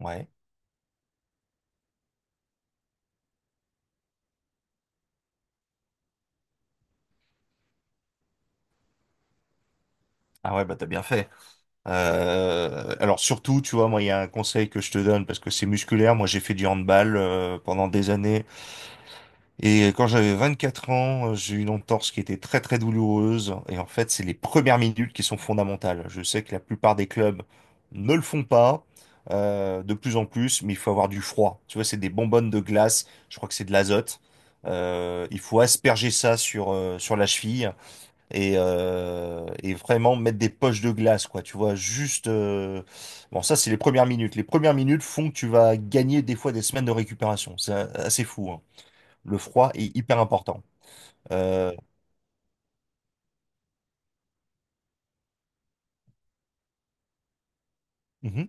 Ouais. Ah ouais, bah t'as bien fait. Alors surtout, tu vois, moi, il y a un conseil que je te donne parce que c'est musculaire. Moi, j'ai fait du handball pendant des années. Et quand j'avais 24 ans, j'ai eu une entorse qui était très très douloureuse. Et en fait, c'est les premières minutes qui sont fondamentales. Je sais que la plupart des clubs ne le font pas de plus en plus, mais il faut avoir du froid. Tu vois, c'est des bonbonnes de glace. Je crois que c'est de l'azote. Il faut asperger ça sur, sur la cheville. Et, et vraiment mettre des poches de glace, quoi. Tu vois, juste. Bon, ça, c'est les premières minutes. Les premières minutes font que tu vas gagner des fois des semaines de récupération. C'est assez fou, hein. Le froid est hyper important. Euh, mhm,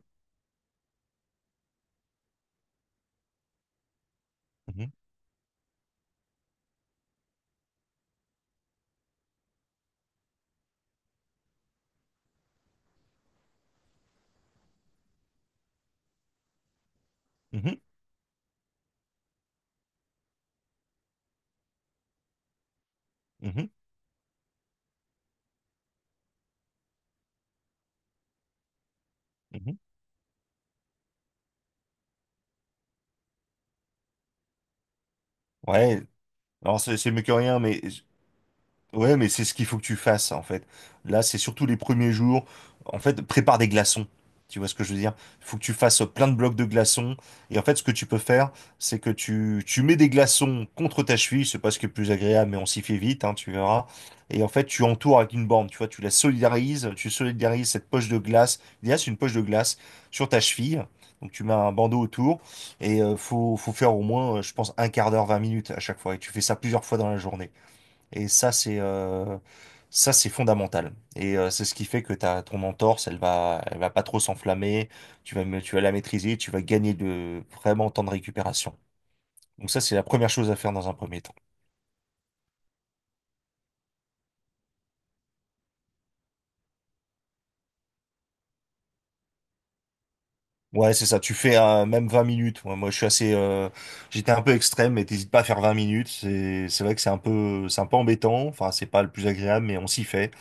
mhm, mhm, mhm, mhm. Ouais, alors c'est mieux que rien, mais ouais, mais c'est ce qu'il faut que tu fasses, en fait. Là, c'est surtout les premiers jours. En fait, prépare des glaçons. Tu vois ce que je veux dire? Il faut que tu fasses plein de blocs de glaçons. Et en fait, ce que tu peux faire, c'est que tu mets des glaçons contre ta cheville. C'est pas ce qui est le plus agréable, mais on s'y fait vite, hein, tu verras. Et en fait, tu entoures avec une borne. Tu vois, tu la solidarises. Tu solidarises cette poche de glace. Il y a c'est une poche de glace sur ta cheville. Donc, tu mets un bandeau autour. Et faut faire au moins, je pense, un quart d'heure, 20 minutes à chaque fois. Et tu fais ça plusieurs fois dans la journée. Et ça, c'est fondamental. Et c'est ce qui fait que ta ton entorse, elle va pas trop s'enflammer. Tu vas la maîtriser. Tu vas gagner de vraiment temps de récupération. Donc ça, c'est la première chose à faire dans un premier temps. Ouais, c'est ça. Tu fais même 20 minutes. Moi, je suis assez. J'étais un peu extrême, mais t'hésites pas à faire 20 minutes. C'est vrai que c'est un peu embêtant. Enfin, c'est pas le plus agréable, mais on s'y fait.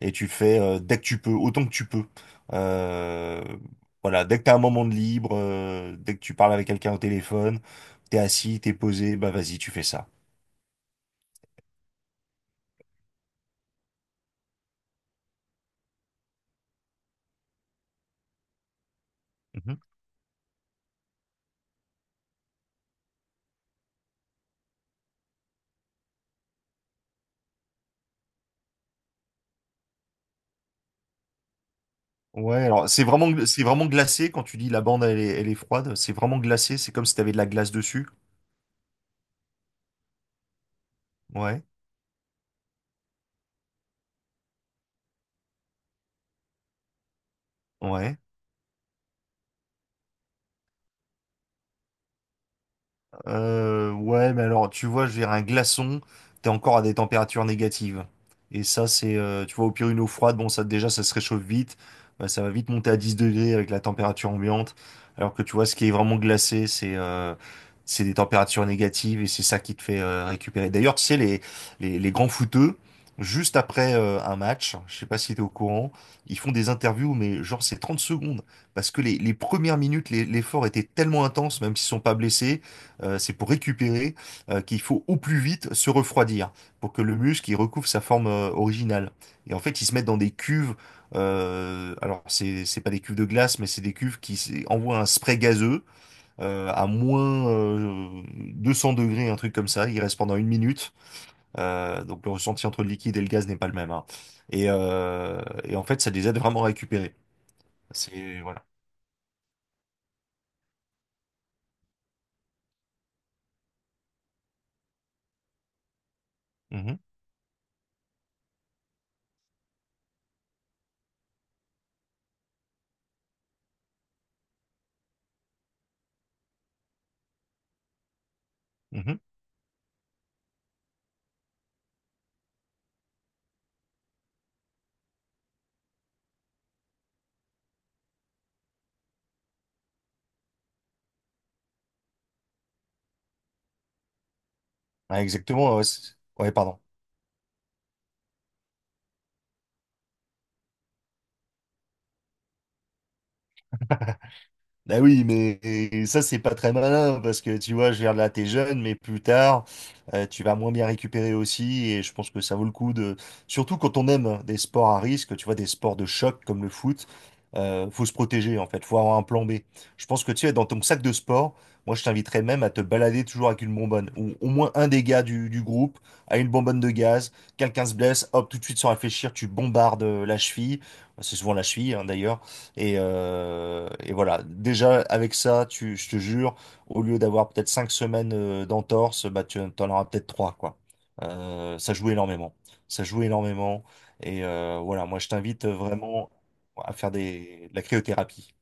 Et tu le fais dès que tu peux, autant que tu peux. Euh, voilà, dès que t'as un moment de libre, dès que tu parles avec quelqu'un au téléphone, t'es assis, t'es posé, bah vas-y, tu fais ça. Mhm. Ouais, alors c'est vraiment glacé quand tu dis la bande elle est froide. C'est vraiment glacé. C'est comme si t'avais de la glace dessus. Ouais, ouais. Ouais, mais alors, tu vois, je vais un glaçon, t'es encore à des températures négatives. Et ça, tu vois, au pire, une eau froide, bon, ça, déjà, ça se réchauffe vite. Bah, ça va vite monter à 10 degrés avec la température ambiante. Alors que, tu vois, ce qui est vraiment glacé, c'est des températures négatives et c'est ça qui te fait récupérer. D'ailleurs, tu sais, les grands footeux, juste après un match, je sais pas si t'es au courant, ils font des interviews, mais genre, c'est 30 secondes. Parce que les premières minutes, l'effort était tellement intense, même s'ils sont pas blessés c'est pour récupérer qu'il faut au plus vite se refroidir pour que le muscle il recouvre sa forme originale. Et en fait, ils se mettent dans des cuves. Alors, c'est pas des cuves de glace, mais c'est des cuves qui envoient un spray gazeux à moins 200 degrés, un truc comme ça. Il reste pendant une minute. Donc, le ressenti entre le liquide et le gaz n'est pas le même, hein. Et en fait, ça les aide vraiment à récupérer. C'est voilà. Mhm, mhm. Ouais, exactement. Ouais, ouais, pardon. Bah oui, mais ça, c'est pas très malin parce que tu vois, je veux dire, là, t'es jeune, mais plus tard, tu vas moins bien récupérer aussi. Et je pense que ça vaut le coup de. Surtout quand on aime des sports à risque, tu vois, des sports de choc comme le foot, faut se protéger en fait, faut avoir un plan B. Je pense que tu es dans ton sac de sport, moi, je t'inviterais même à te balader toujours avec une bonbonne ou au moins un des gars du groupe a une bonbonne de gaz. Quelqu'un se blesse, hop, tout de suite sans réfléchir, tu bombardes la cheville. Bah, c'est souvent la cheville, hein, d'ailleurs. Et voilà, déjà avec ça, tu, je te jure, au lieu d'avoir peut-être 5 semaines d'entorse, bah tu en auras peut-être trois, quoi. Ça joue énormément. Ça joue énormément. Et voilà, moi je t'invite vraiment à faire de la cryothérapie.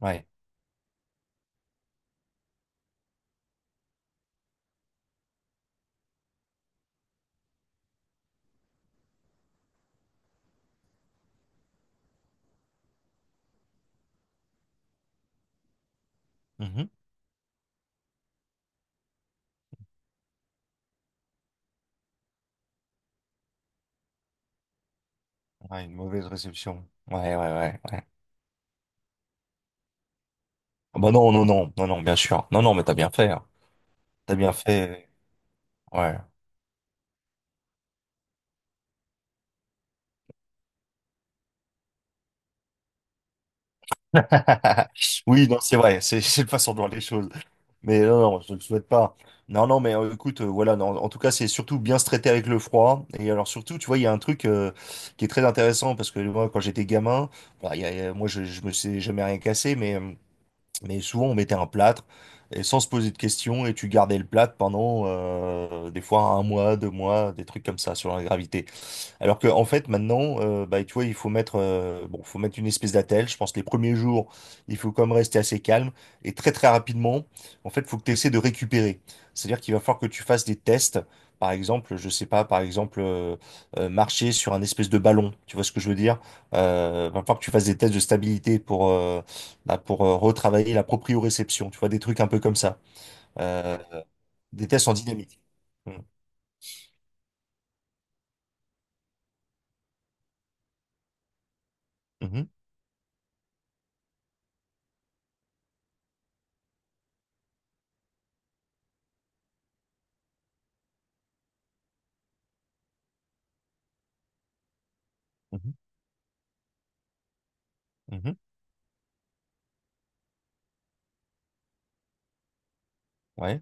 Ouais. Mhm. Ouais, une mauvaise réception. Ouais, ouais, ouais, ouais. Ah bah non, non, non, non, non, bien sûr. Non, non, mais t'as bien fait, hein. T'as bien fait. Ouais. Oui, non, c'est vrai, c'est c'est une façon de voir les choses. Mais non, non, je ne le souhaite pas. Non, non, mais écoute, voilà, non, en tout cas, c'est surtout bien se traiter avec le froid. Et alors, surtout, tu vois, il y a un truc qui est très intéressant parce que moi, quand j'étais gamin, bah, moi, je me sais jamais rien cassé, mais souvent, on mettait un plâtre et sans se poser de questions et tu gardais le plâtre pendant des fois 1 mois, 2 mois, des trucs comme ça sur la gravité. Alors que en fait maintenant, bah, tu vois, il faut mettre, bon, faut mettre une espèce d'attelle. Je pense que les premiers jours, il faut quand même rester assez calme et très très rapidement. En fait, faut que tu essaies de récupérer. C'est-à-dire qu'il va falloir que tu fasses des tests. Par exemple, je sais pas, par exemple, marcher sur un espèce de ballon. Tu vois ce que je veux dire? Va falloir que tu fasses des tests de stabilité pour, bah, pour retravailler la proprioception. Tu vois, des trucs un peu comme ça. Euh, des tests en dynamique. Mhm, mhm, mhm, mhm. Ouais.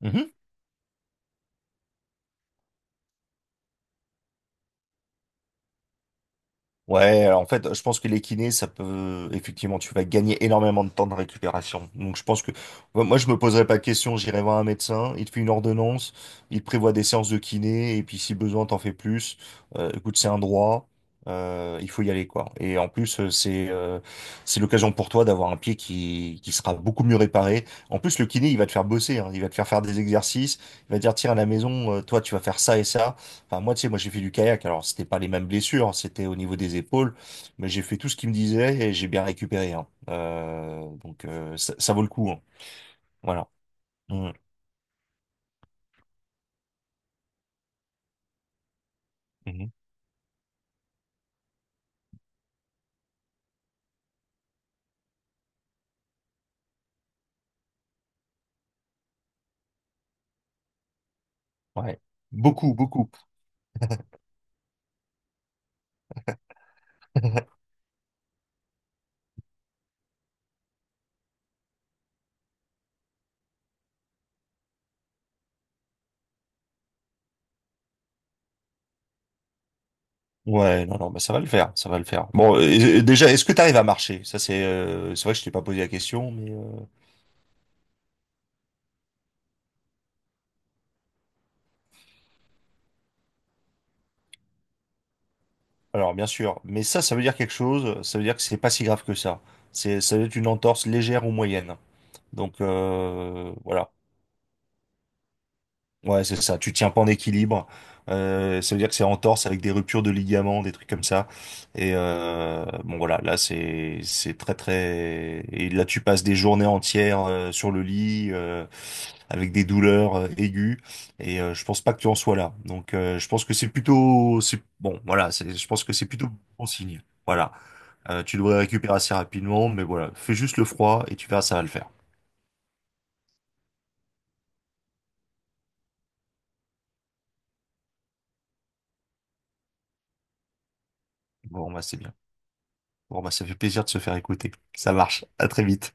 Mhm. Ouais, alors en fait, je pense que les kinés, ça peut, effectivement, tu vas gagner énormément de temps de récupération. Donc, je pense que, moi, je me poserai pas de questions, j'irai voir un médecin, il te fait une ordonnance, il te prévoit des séances de kiné, et puis si besoin, t'en fais plus. Écoute, c'est un droit, il faut y aller, quoi. Et en plus, c'est l'occasion pour toi d'avoir un pied qui sera beaucoup mieux réparé. En plus, le kiné, il va te faire bosser, hein, il va te faire faire des exercices, il va te dire, tiens, à la maison, toi, tu vas faire ça et ça. Enfin, moi, tu sais, moi, j'ai fait du kayak. Alors, c'était pas les mêmes blessures, c'était au niveau des épaules, mais j'ai fait tout ce qu'il me disait et j'ai bien récupéré, hein. Donc, ça, ça vaut le coup, hein. Voilà. Mhm. Mhm. Ouais. Beaucoup, beaucoup. Ouais, non, non, bah, ça va le faire, ça va le faire. Bon, déjà, est-ce que tu arrives à marcher? Ça, c'est vrai que je t'ai pas posé la question, mais alors, bien sûr. Mais ça veut dire quelque chose. Ça veut dire que c'est pas si grave que ça. Ça doit être une entorse légère ou moyenne. Donc, voilà. Ouais, c'est ça. Tu tiens pas en équilibre. Ça veut dire que c'est en torse avec des ruptures de ligaments, des trucs comme ça. Et bon voilà, là c'est très très. Et là tu passes des journées entières sur le lit avec des douleurs aiguës. Et je pense pas que tu en sois là. Je pense que c'est plutôt c'est bon voilà. C'est je pense que c'est plutôt bon signe. Voilà. Tu devrais récupérer assez rapidement, mais voilà, fais juste le froid et tu verras, ça va le faire. Bon bah c'est bien. Bon bah ça fait plaisir de se faire écouter. Ça marche. À très vite.